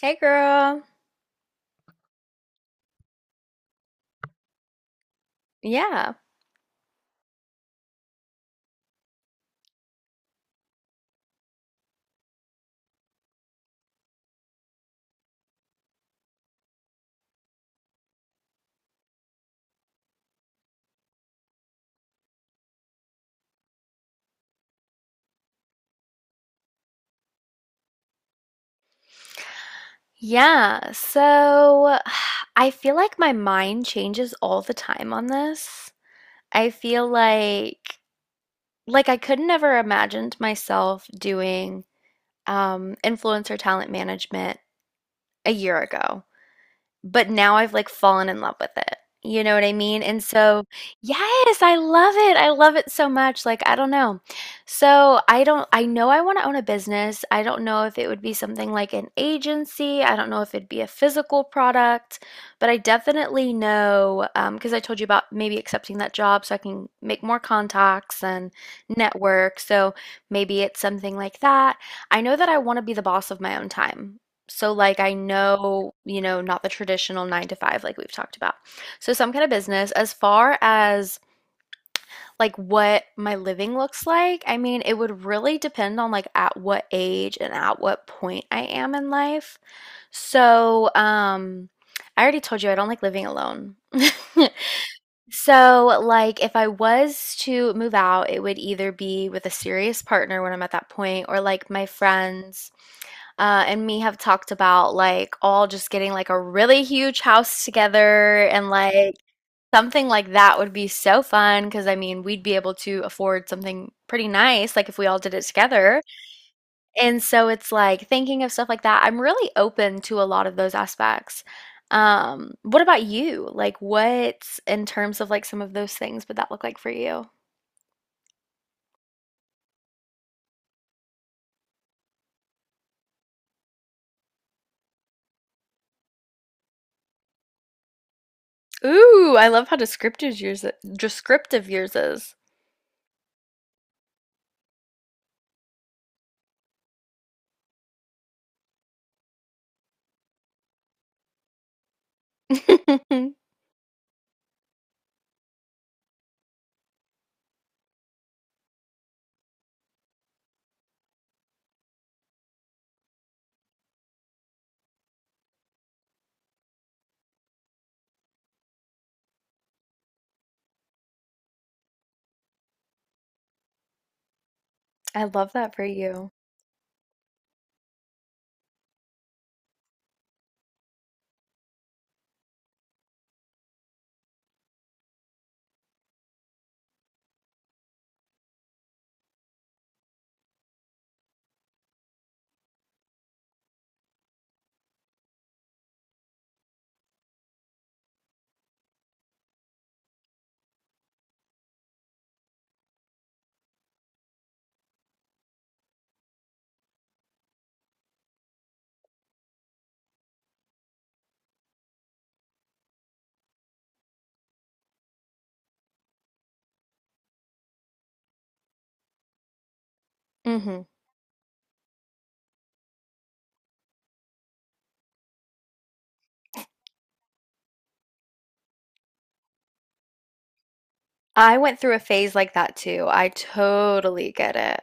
Hey girl. Yeah. Yeah. So I feel like my mind changes all the time on this. I feel like I could never imagined myself doing influencer talent management a year ago. But now I've like fallen in love with it. You know what I mean? And so, yes, I love it. I love it so much. Like, I don't know. So, I don't, I know I want to own a business. I don't know if it would be something like an agency. I don't know if it'd be a physical product, but I definitely know, because I told you about maybe accepting that job so I can make more contacts and network. So, maybe it's something like that. I know that I want to be the boss of my own time. So, like, I know, you know, not the traditional nine to five, like we've talked about. So, some kind of business. As far as like what my living looks like, I mean, it would really depend on like at what age and at what point I am in life. So, I already told you I don't like living alone. So, like, if I was to move out, it would either be with a serious partner when I'm at that point, or like my friends and me have talked about like all just getting like a really huge house together and like something like that would be so fun because I mean, we'd be able to afford something pretty nice like if we all did it together. And so it's like thinking of stuff like that. I'm really open to a lot of those aspects. What about you? Like what in terms of like some of those things would that look like for you? Ooh, I love how descriptive yours is. I love that for you. Hmm. I went through a phase like that too. I totally get it.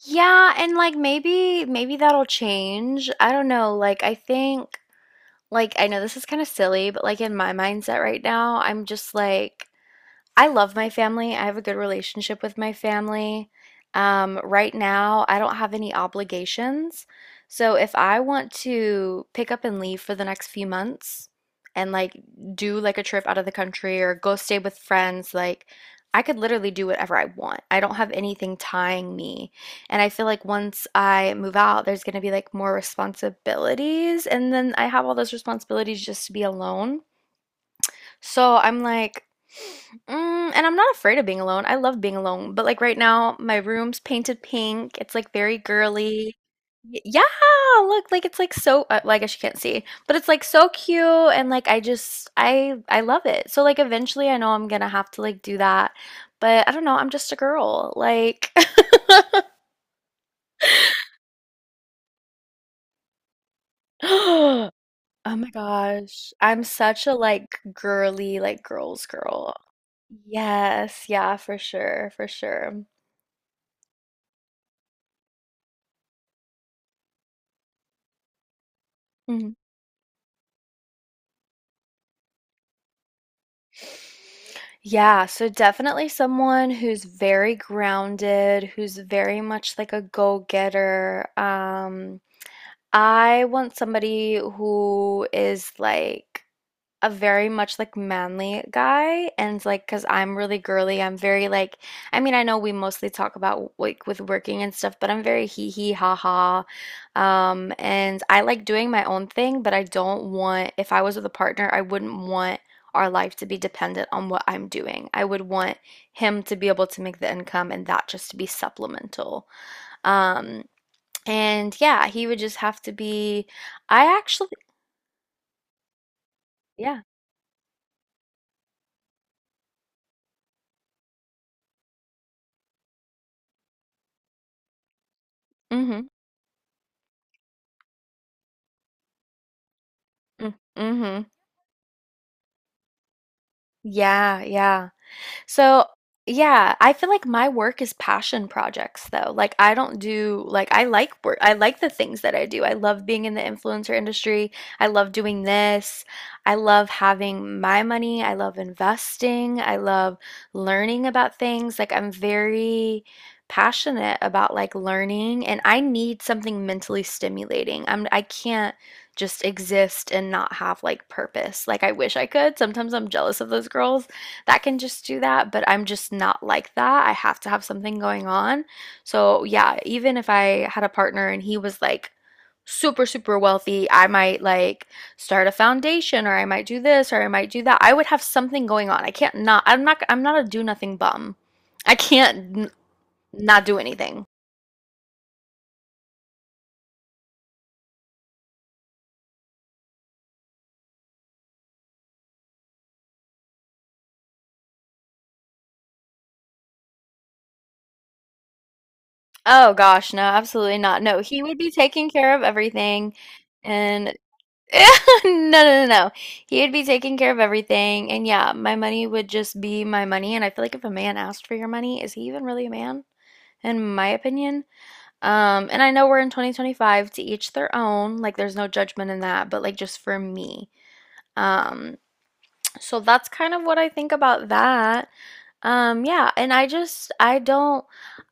Yeah, and like maybe that'll change. I don't know. Like I think like I know this is kind of silly, but like in my mindset right now, I'm just like I love my family. I have a good relationship with my family. Right now, I don't have any obligations. So if I want to pick up and leave for the next few months and like do like a trip out of the country or go stay with friends, like I could literally do whatever I want. I don't have anything tying me. And I feel like once I move out, there's going to be like more responsibilities. And then I have all those responsibilities just to be alone. So I'm like, and I'm not afraid of being alone. I love being alone. But like right now, my room's painted pink. It's like very girly. Yeah, look, like it's like so, well, I guess you can't see, but it's like so cute. And like, I just, I love it. So like, eventually I know I'm gonna have to like do that. But I don't know, I'm just a girl. Like, oh my gosh, I'm such a like girly, like girls girl. Yes, yeah, for sure, for sure. Mhm. Yeah, so definitely someone who's very grounded, who's very much like a go-getter. I want somebody who is like a very much like manly guy and like because I'm really girly I'm very like I mean I know we mostly talk about like with working and stuff but I'm very hee hee ha ha and I like doing my own thing but I don't want if I was with a partner I wouldn't want our life to be dependent on what I'm doing I would want him to be able to make the income and that just to be supplemental um and yeah he would just have to be I actually yeah, mm-hmm, mm-hmm, mm-hmm. Yeah, yeah. So, yeah, I feel like my work is passion projects though. Like I don't do like I like work. I like the things that I do. I love being in the influencer industry. I love doing this. I love having my money. I love investing. I love learning about things. Like I'm very passionate about like learning and I need something mentally stimulating. I can't just exist and not have like purpose. Like I wish I could. Sometimes I'm jealous of those girls that can just do that, but I'm just not like that. I have to have something going on. So, yeah, even if I had a partner and he was like super, super wealthy, I might like start a foundation or I might do this or I might do that. I would have something going on. I can't not, I'm not, I'm not a do nothing bum. I can't not do anything. Oh gosh, no, absolutely not. No, he would be taking care of everything. And no, no, no, no. He would be taking care of everything. And yeah, my money would just be my money. And I feel like if a man asked for your money, is he even really a man? In my opinion. And I know we're in 2025, to each their own. Like, there's no judgment in that, but like, just for me. Um, so that's kind of what I think about that. Yeah, and I just I don't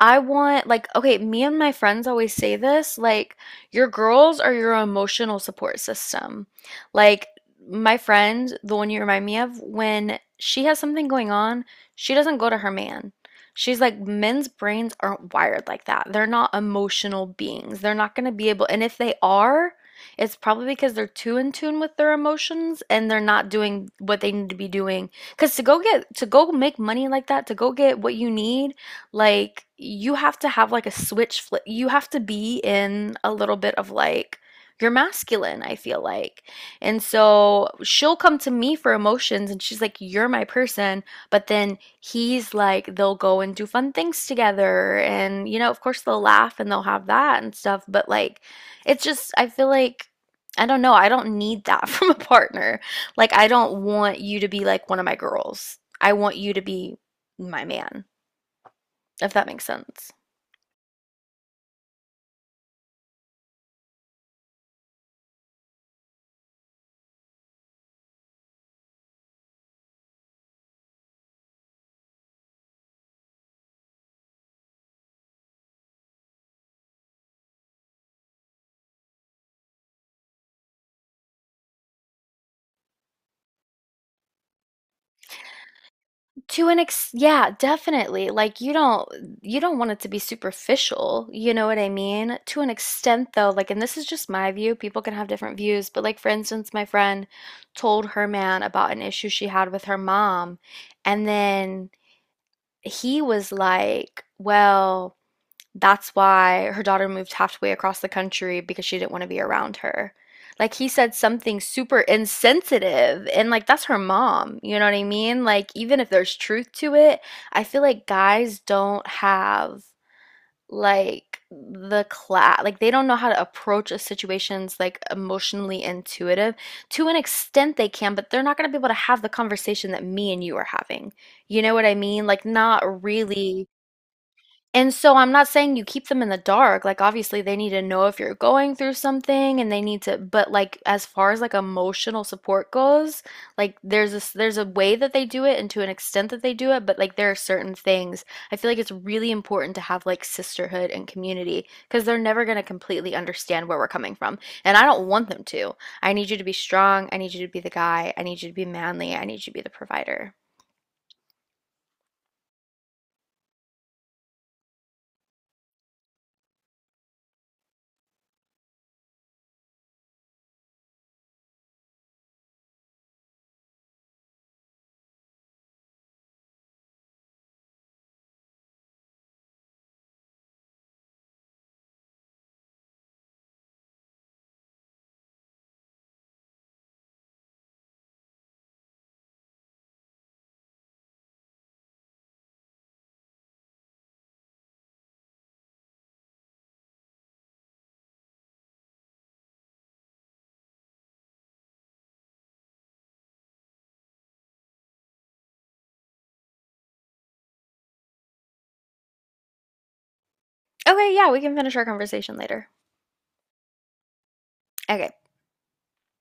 I want like, okay, me and my friends always say this, like your girls are your emotional support system. Like my friend, the one you remind me of, when she has something going on, she doesn't go to her man. She's like, men's brains aren't wired like that. They're not emotional beings. They're not going to be able, and if they are, it's probably because they're too in tune with their emotions and they're not doing what they need to be doing, because to go make money like that, to go get what you need, like you have to have like a switch flip. You have to be in a little bit of like, you're masculine, I feel like. And so she'll come to me for emotions and she's like, you're my person. But then he's like, they'll go and do fun things together. And, you know, of course they'll laugh and they'll have that and stuff. But like, it's just, I feel like, I don't know. I don't need that from a partner. Like, I don't want you to be like one of my girls. I want you to be my man, if that makes sense. To an ex, yeah, definitely, like you don't want it to be superficial, you know what I mean, to an extent though. Like, and this is just my view, people can have different views, but like, for instance, my friend told her man about an issue she had with her mom, and then he was like, well, that's why her daughter moved halfway across the country because she didn't want to be around her. Like, he said something super insensitive and like, that's her mom, you know what I mean? Like even if there's truth to it, I feel like guys don't have like the class, like they don't know how to approach a situation's like emotionally intuitive. To an extent they can, but they're not going to be able to have the conversation that me and you are having. You know what I mean? Like, not really. And so I'm not saying you keep them in the dark, like, obviously, they need to know if you're going through something, and they need to but, like, as far as, like, emotional support goes, like, there's a way that they do it and to an extent that they do it, but, like, there are certain things. I feel like it's really important to have, like, sisterhood and community, because 'cause they're never gonna completely understand where we're coming from, and I don't want them to. I need you to be strong, I need you to be the guy, I need you to be manly, I need you to be the provider. Okay, yeah, we can finish our conversation later. Okay.